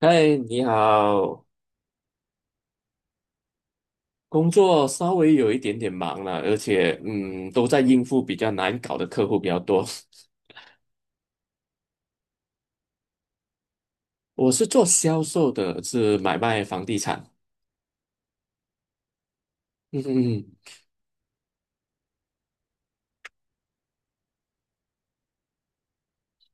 嗨，你好，工作稍微有一点点忙了，而且都在应付比较难搞的客户比较多。我是做销售的，是买卖房地产。嗯哼。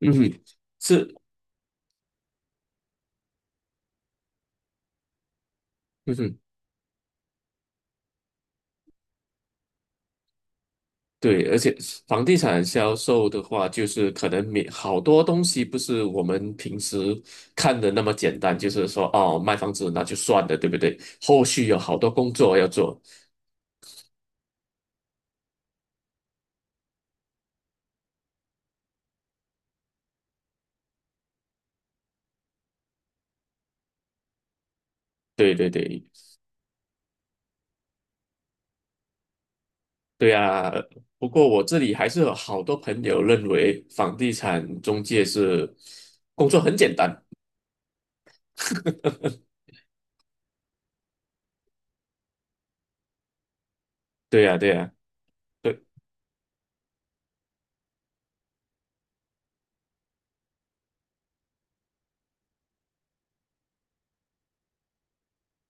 嗯哼。是。嗯哼。对，而且房地产销售的话，就是可能没好多东西不是我们平时看的那么简单，就是说哦，卖房子那就算了，对不对？后续有好多工作要做。对对对，对啊，不过我这里还是有好多朋友认为房地产中介是工作很简单。对呀，对呀，对。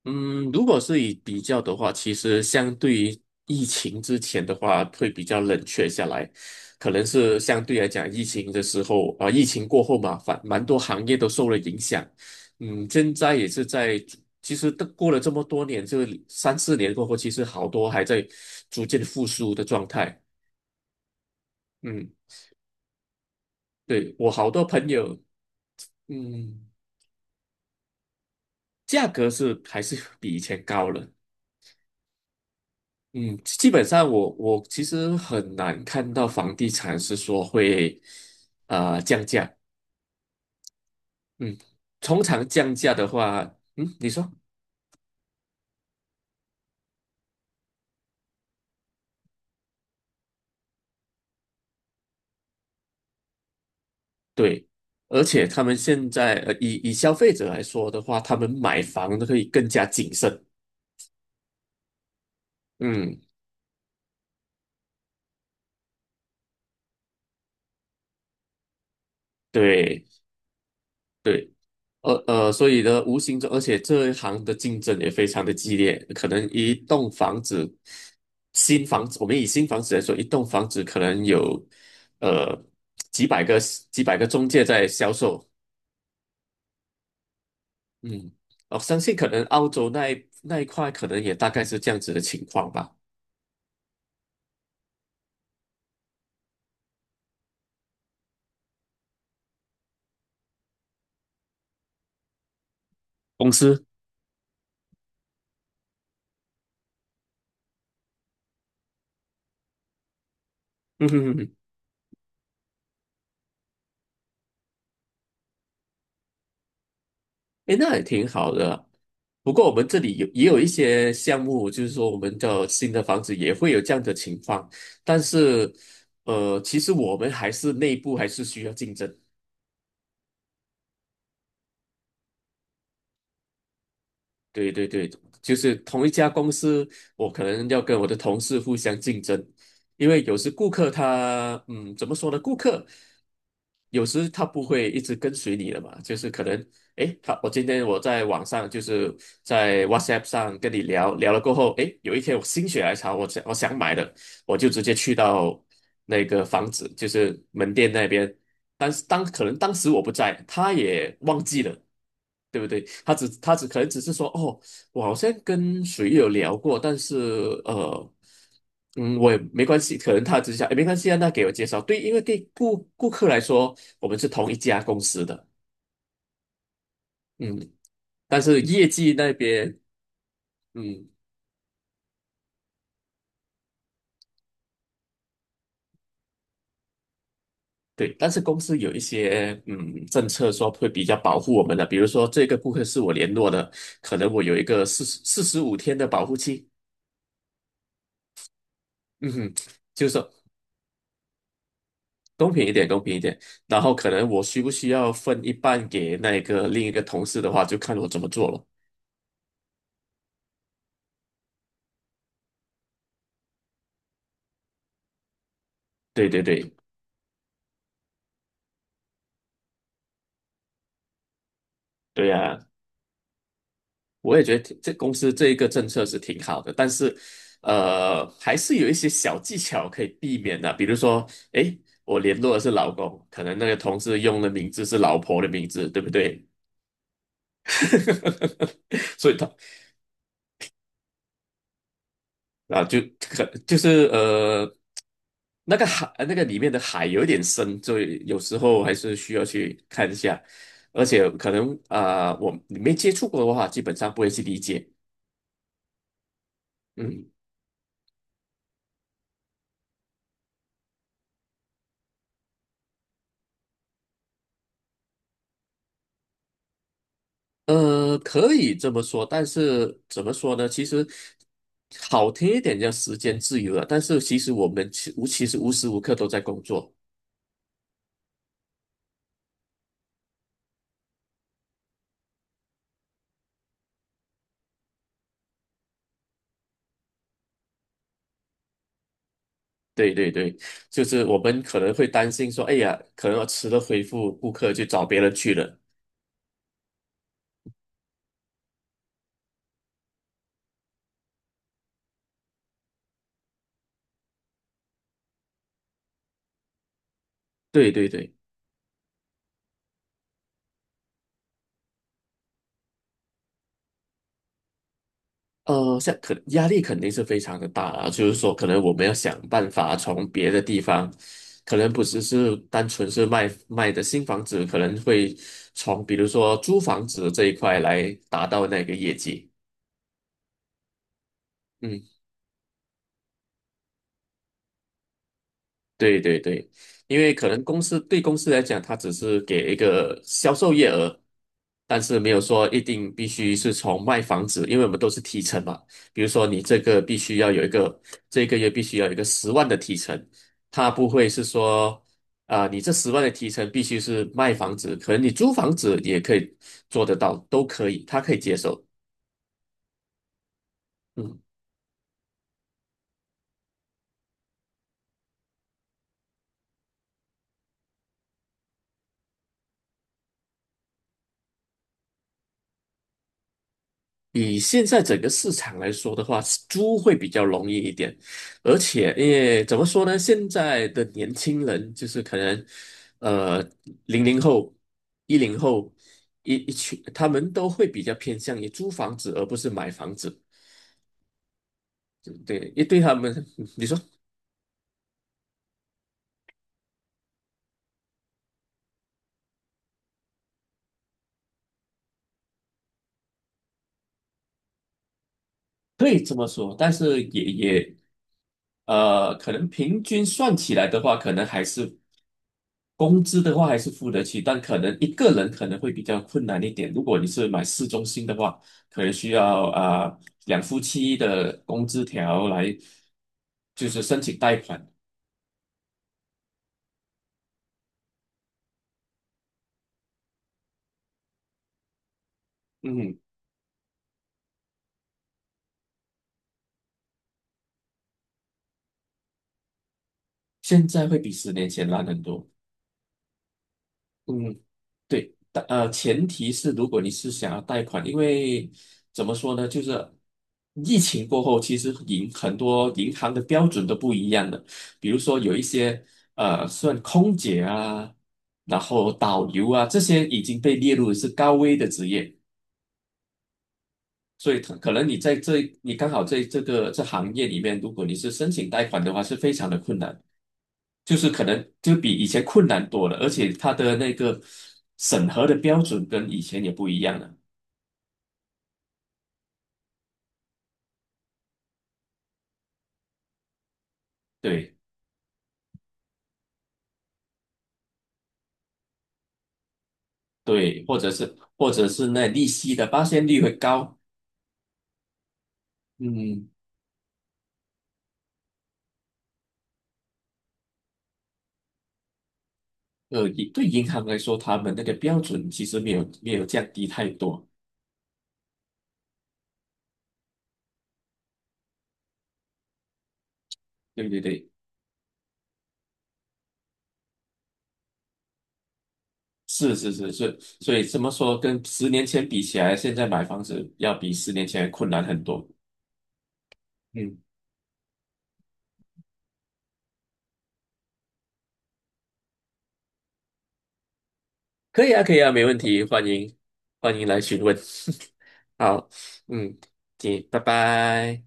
嗯，如果是以比较的话，其实相对于疫情之前的话，会比较冷却下来，可能是相对来讲，疫情的时候啊、疫情过后嘛，反蛮多行业都受了影响。嗯，现在也是在逐，其实都过了这么多年，这三四年过后，其实好多还在逐渐复苏的状态。嗯。对，我好多朋友。嗯，价格是还是比以前高了。嗯，基本上我其实很难看到房地产是说会降价。嗯，通常降价的话，你说。对，而且他们现在以消费者来说的话，他们买房都可以更加谨慎。嗯，对。对。所以呢，无形中，而且这一行的竞争也非常的激烈，可能一栋房子，新房子，我们以新房子来说，一栋房子可能有呃几百个几百个中介在销售。嗯，我相信可能澳洲那一块可能也大概是这样子的情况吧。公司。嗯哼哼哼。诶，那也挺好的啊。不过我们这里也有一些项目，就是说我们的新的房子也会有这样的情况，但是其实我们还是内部还是需要竞争。对对对。就是同一家公司，我可能要跟我的同事互相竞争。因为有时顾客他，怎么说呢？顾客有时他不会一直跟随你的嘛，就是可能，诶，我今天在网上就是在 WhatsApp 上跟你聊聊了过后，诶，有一天我心血来潮，我想买的。我就直接去到那个房子，就是门店那边。但是可能当时我不在，他也忘记了。对不对？他可能只是说，哦，我好像跟谁有聊过，但是呃，我也没关系，可能他只是想，哎，没关系啊，那给我介绍。对，因为对顾客来说，我们是同一家公司的。嗯，但是业绩那边。嗯，对。但是公司有一些政策说会比较保护我们的。比如说这个顾客是我联络的，可能我有一个四十五天的保护期。嗯哼。就是说公平一点，公平一点。然后可能我需不需要分一半给那个另一个同事的话，就看我怎么做了。对对对。对呀，我也觉得这公司这一个政策是挺好的，但是还是有一些小技巧可以避免的，比如说，诶，我联络的是老公，可能那个同事用的名字是老婆的名字，对不对？所以他啊，就是那个海，那个里面的海有点深，所以有时候还是需要去看一下。而且可能啊、你没接触过的话，基本上不会去理解。嗯，可以这么说，但是怎么说呢？其实好听一点叫时间自由了，但是其实我们其实无时无刻都在工作。对对对。就是我们可能会担心说，哎呀，可能迟了回复顾客，就找别人去了。对对对。压力肯定是非常的大啊，就是说，可能我们要想办法从别的地方，可能不只是单纯是卖的新房子，可能会从比如说租房子这一块来达到那个业绩。嗯。对对对。因为可能对公司来讲，它只是给一个销售业额，但是没有说一定必须是从卖房子，因为我们都是提成嘛。比如说你这个必须要有一个，这个月必须要有一个十万的提成。他不会是说，啊、你这十万的提成必须是卖房子，可能你租房子也可以做得到，都可以，他可以接受。嗯。以现在整个市场来说的话，租会比较容易一点，而且因为怎么说呢？现在的年轻人就是可能，呃，00后、10后一群，他们都会比较偏向于租房子而不是买房子。对，因为对他们，你说。可以这么说，但是也也呃，可能平均算起来的话，可能还是工资的话还是付得起，但可能一个人可能会比较困难一点。如果你是买市中心的话，可能需要啊、两夫妻的工资条来就是申请贷款。嗯，现在会比十年前难很多。嗯。对，但前提是如果你是想要贷款，因为怎么说呢，就是疫情过后，其实很多银行的标准都不一样的。比如说有一些算空姐啊，然后导游啊，这些已经被列入是高危的职业。所以可能你在这，你刚好在这个行业里面，如果你是申请贷款的话，是非常的困难。就是可能就比以前困难多了，而且它的那个审核的标准跟以前也不一样了。对对，或者是那利息的发现率会高。嗯，以对银行来说，他们那个标准其实没有降低太多。对对对。是是是是。所以怎么说，跟十年前比起来，现在买房子要比十年前困难很多。嗯，可以啊，可以啊，没问题，欢迎欢迎来询问。好。嗯。行，拜拜。